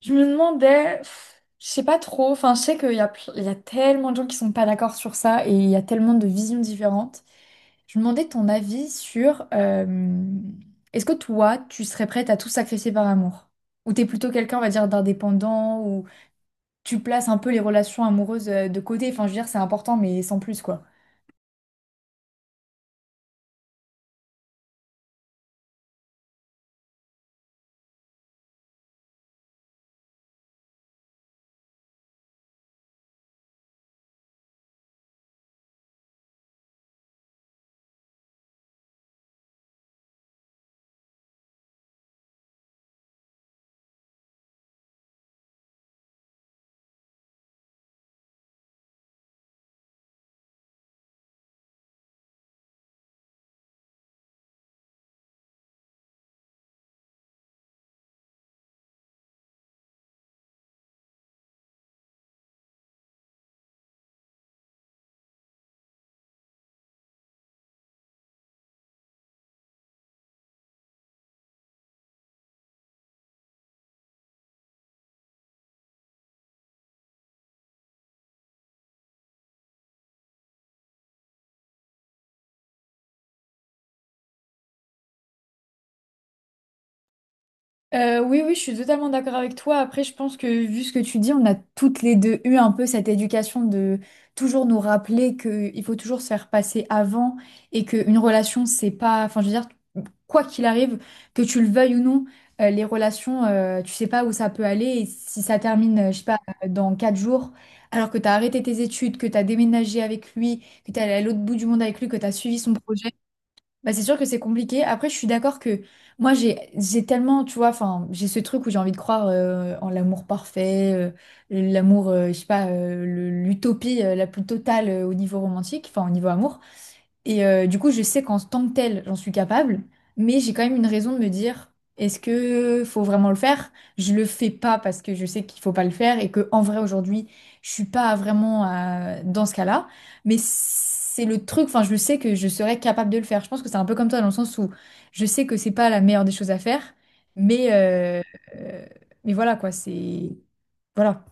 Je me demandais, pff, je sais pas trop, enfin je sais qu'il y a, il y a tellement de gens qui sont pas d'accord sur ça et il y a tellement de visions différentes. Je me demandais ton avis sur est-ce que toi tu serais prête à tout sacrifier par amour? Ou t'es plutôt quelqu'un, on va dire, d'indépendant, ou tu places un peu les relations amoureuses de côté, enfin je veux dire c'est important mais sans plus quoi. Oui, oui, je suis totalement d'accord avec toi. Après, je pense que vu ce que tu dis, on a toutes les deux eu un peu cette éducation de toujours nous rappeler qu'il faut toujours se faire passer avant et qu'une relation, c'est pas, enfin, je veux dire, quoi qu'il arrive, que tu le veuilles ou non, les relations, tu sais pas où ça peut aller. Et si ça termine, je sais pas, dans 4 jours, alors que tu as arrêté tes études, que tu as déménagé avec lui, que tu es allé à l'autre bout du monde avec lui, que tu as suivi son projet. Bah, c'est sûr que c'est compliqué. Après, je suis d'accord que moi, j'ai tellement, tu vois, enfin, j'ai ce truc où j'ai envie de croire en l'amour parfait, l'amour, je sais pas, l'utopie la plus totale au niveau romantique, enfin, au niveau amour. Et du coup, je sais qu'en tant que tel, j'en suis capable, mais j'ai quand même une raison de me dire, est-ce que faut vraiment le faire? Je le fais pas parce que je sais qu'il faut pas le faire et que en vrai aujourd'hui, je suis pas vraiment dans ce cas-là. Mais c'est le truc, enfin, je sais que je serais capable de le faire. Je pense que c'est un peu comme toi dans le sens où je sais que c'est pas la meilleure des choses à faire, mais euh, euh, mais voilà quoi, c'est voilà.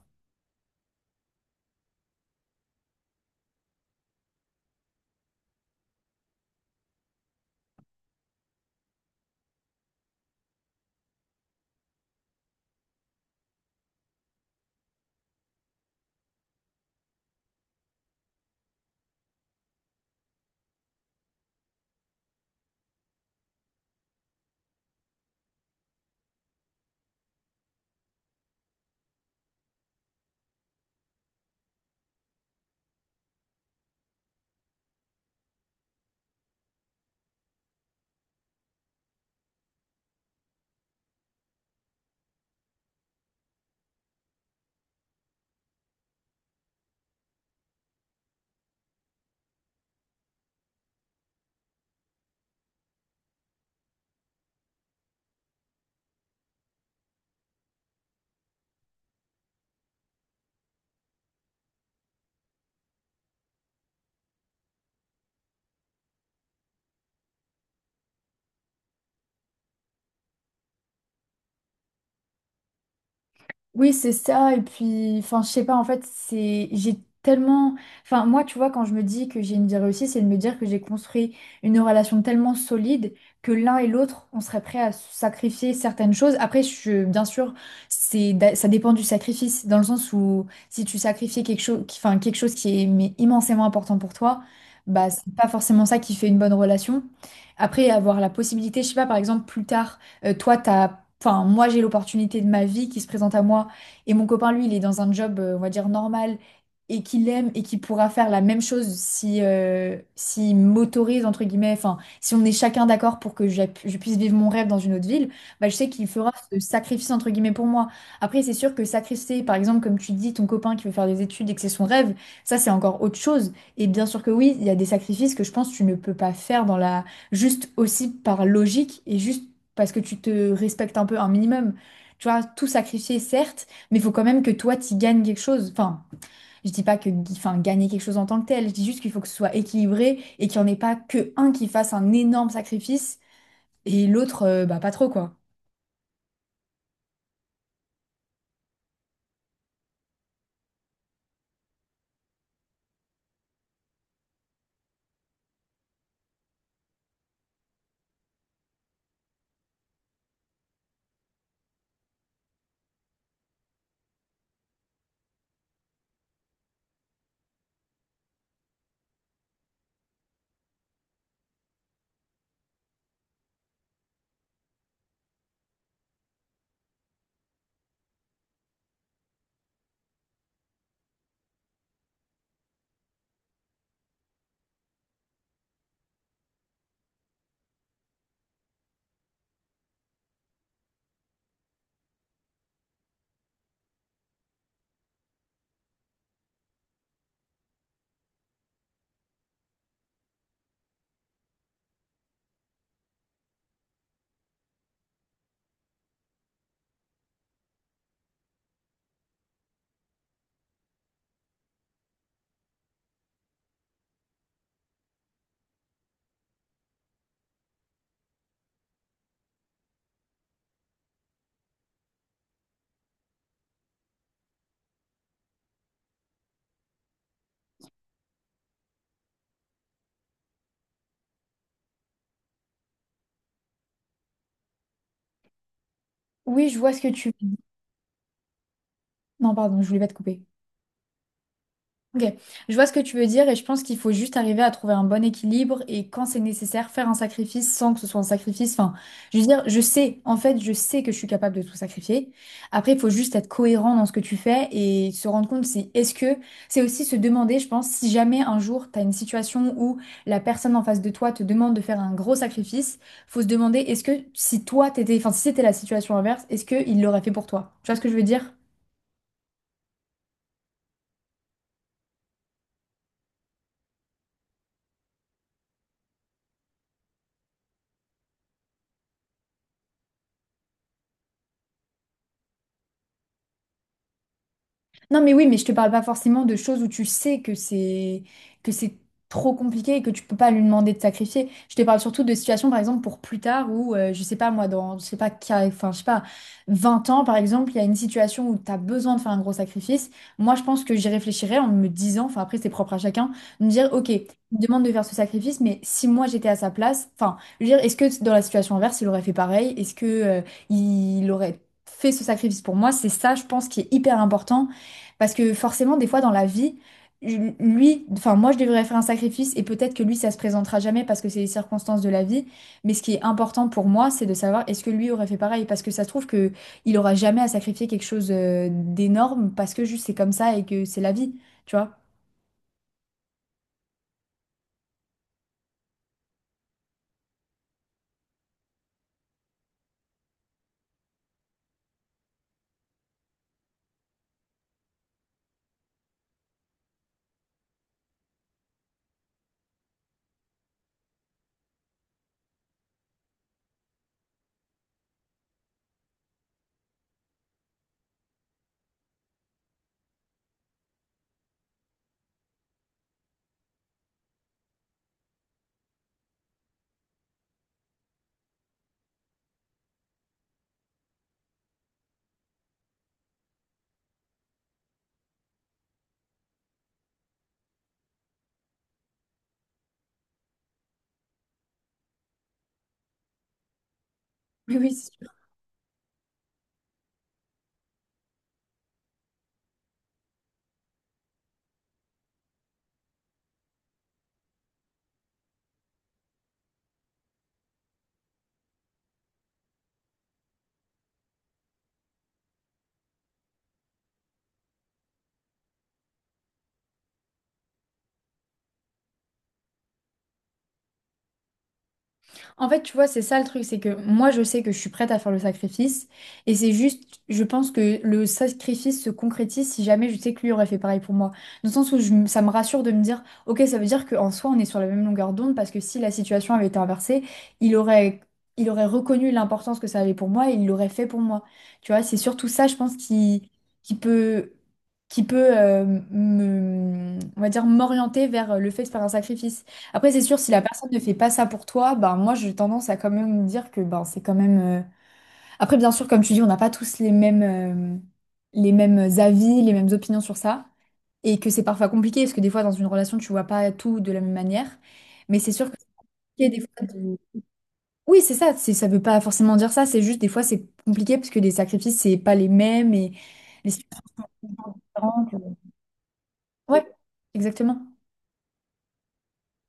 Oui, c'est ça. Et puis, enfin, je sais pas, en fait, j'ai tellement, enfin, moi, tu vois, quand je me dis que j'ai une vie réussie, c'est de me dire que j'ai construit une relation tellement solide que l'un et l'autre, on serait prêt à sacrifier certaines choses. Après, je, bien sûr, ça dépend du sacrifice, dans le sens où si tu sacrifies quelque chose, enfin, quelque chose qui est mais immensément important pour toi, bah, c'est pas forcément ça qui fait une bonne relation. Après, avoir la possibilité, je sais pas, par exemple, plus tard, enfin, moi, j'ai l'opportunité de ma vie qui se présente à moi et mon copain, lui, il est dans un job, on va dire, normal et qu'il aime et qu'il pourra faire la même chose si, s'il m'autorise, entre guillemets, enfin, si on est chacun d'accord pour que je puisse vivre mon rêve dans une autre ville, bah, je sais qu'il fera ce sacrifice, entre guillemets, pour moi. Après, c'est sûr que sacrifier, par exemple, comme tu dis, ton copain qui veut faire des études et que c'est son rêve, ça, c'est encore autre chose. Et bien sûr que oui, il y a des sacrifices que je pense que tu ne peux pas faire dans la, juste aussi par logique et juste parce que tu te respectes un peu un minimum. Tu vois, tout sacrifier, certes, mais il faut quand même que toi, tu gagnes quelque chose. Enfin, je dis pas que enfin, gagner quelque chose en tant que tel. Je dis juste qu'il faut que ce soit équilibré et qu'il n'y en ait pas que un qui fasse un énorme sacrifice et l'autre, bah, pas trop, quoi. Oui, je vois ce que tu veux dire. Non, pardon, je voulais pas te couper. Ok, je vois ce que tu veux dire et je pense qu'il faut juste arriver à trouver un bon équilibre et quand c'est nécessaire, faire un sacrifice sans que ce soit un sacrifice. Enfin, je veux dire, je sais, en fait, je sais que je suis capable de tout sacrifier. Après, il faut juste être cohérent dans ce que tu fais et se rendre compte si, c'est aussi se demander, je pense, si jamais un jour tu as une situation où la personne en face de toi te demande de faire un gros sacrifice, faut se demander, est-ce que si toi t'étais, enfin, si c'était la situation inverse, est-ce qu'il l'aurait fait pour toi? Tu vois ce que je veux dire? Non, mais oui, mais je te parle pas forcément de choses où tu sais que c'est trop compliqué et que tu peux pas lui demander de sacrifier. Je te parle surtout de situations, par exemple, pour plus tard où, je sais pas, moi, dans, je sais pas, enfin, je sais pas, 20 ans, par exemple, il y a une situation où tu as besoin de faire un gros sacrifice. Moi, je pense que j'y réfléchirais en me disant, enfin, après, c'est propre à chacun, de me dire, OK, il me demande de faire ce sacrifice, mais si moi j'étais à sa place, enfin, je veux dire, est-ce que dans la situation inverse, il aurait fait pareil? Est-ce que, il aurait fait ce sacrifice pour moi? C'est ça, je pense, qui est hyper important parce que forcément, des fois, dans la vie, lui, enfin, moi, je devrais faire un sacrifice et peut-être que lui, ça se présentera jamais parce que c'est les circonstances de la vie. Mais ce qui est important pour moi, c'est de savoir est-ce que lui aurait fait pareil? Parce que ça se trouve que il aura jamais à sacrifier quelque chose d'énorme parce que juste c'est comme ça et que c'est la vie, tu vois? Oui, oui. En fait, tu vois, c'est ça le truc, c'est que moi, je sais que je suis prête à faire le sacrifice, et c'est juste, je pense que le sacrifice se concrétise si jamais je sais que lui aurait fait pareil pour moi. Dans le sens où ça me rassure de me dire, ok, ça veut dire qu'en soi, on est sur la même longueur d'onde, parce que si la situation avait été inversée, il aurait, il aurait reconnu l'importance que ça avait pour moi et il l'aurait fait pour moi. Tu vois, c'est surtout ça, je pense, qui peut, qui peut me, on va dire, m'orienter vers le fait de faire un sacrifice. Après, c'est sûr, si la personne ne fait pas ça pour toi, ben moi j'ai tendance à quand même me dire que ben c'est quand même. Après, bien sûr, comme tu dis, on n'a pas tous les mêmes avis, les mêmes opinions sur ça, et que c'est parfois compliqué parce que des fois dans une relation tu vois pas tout de la même manière. Mais c'est sûr que c'est compliqué des fois de. Oui, c'est ça. C'est ça veut pas forcément dire ça. C'est juste des fois c'est compliqué parce que les sacrifices c'est pas les mêmes et les situations différentes. Ouais, exactement.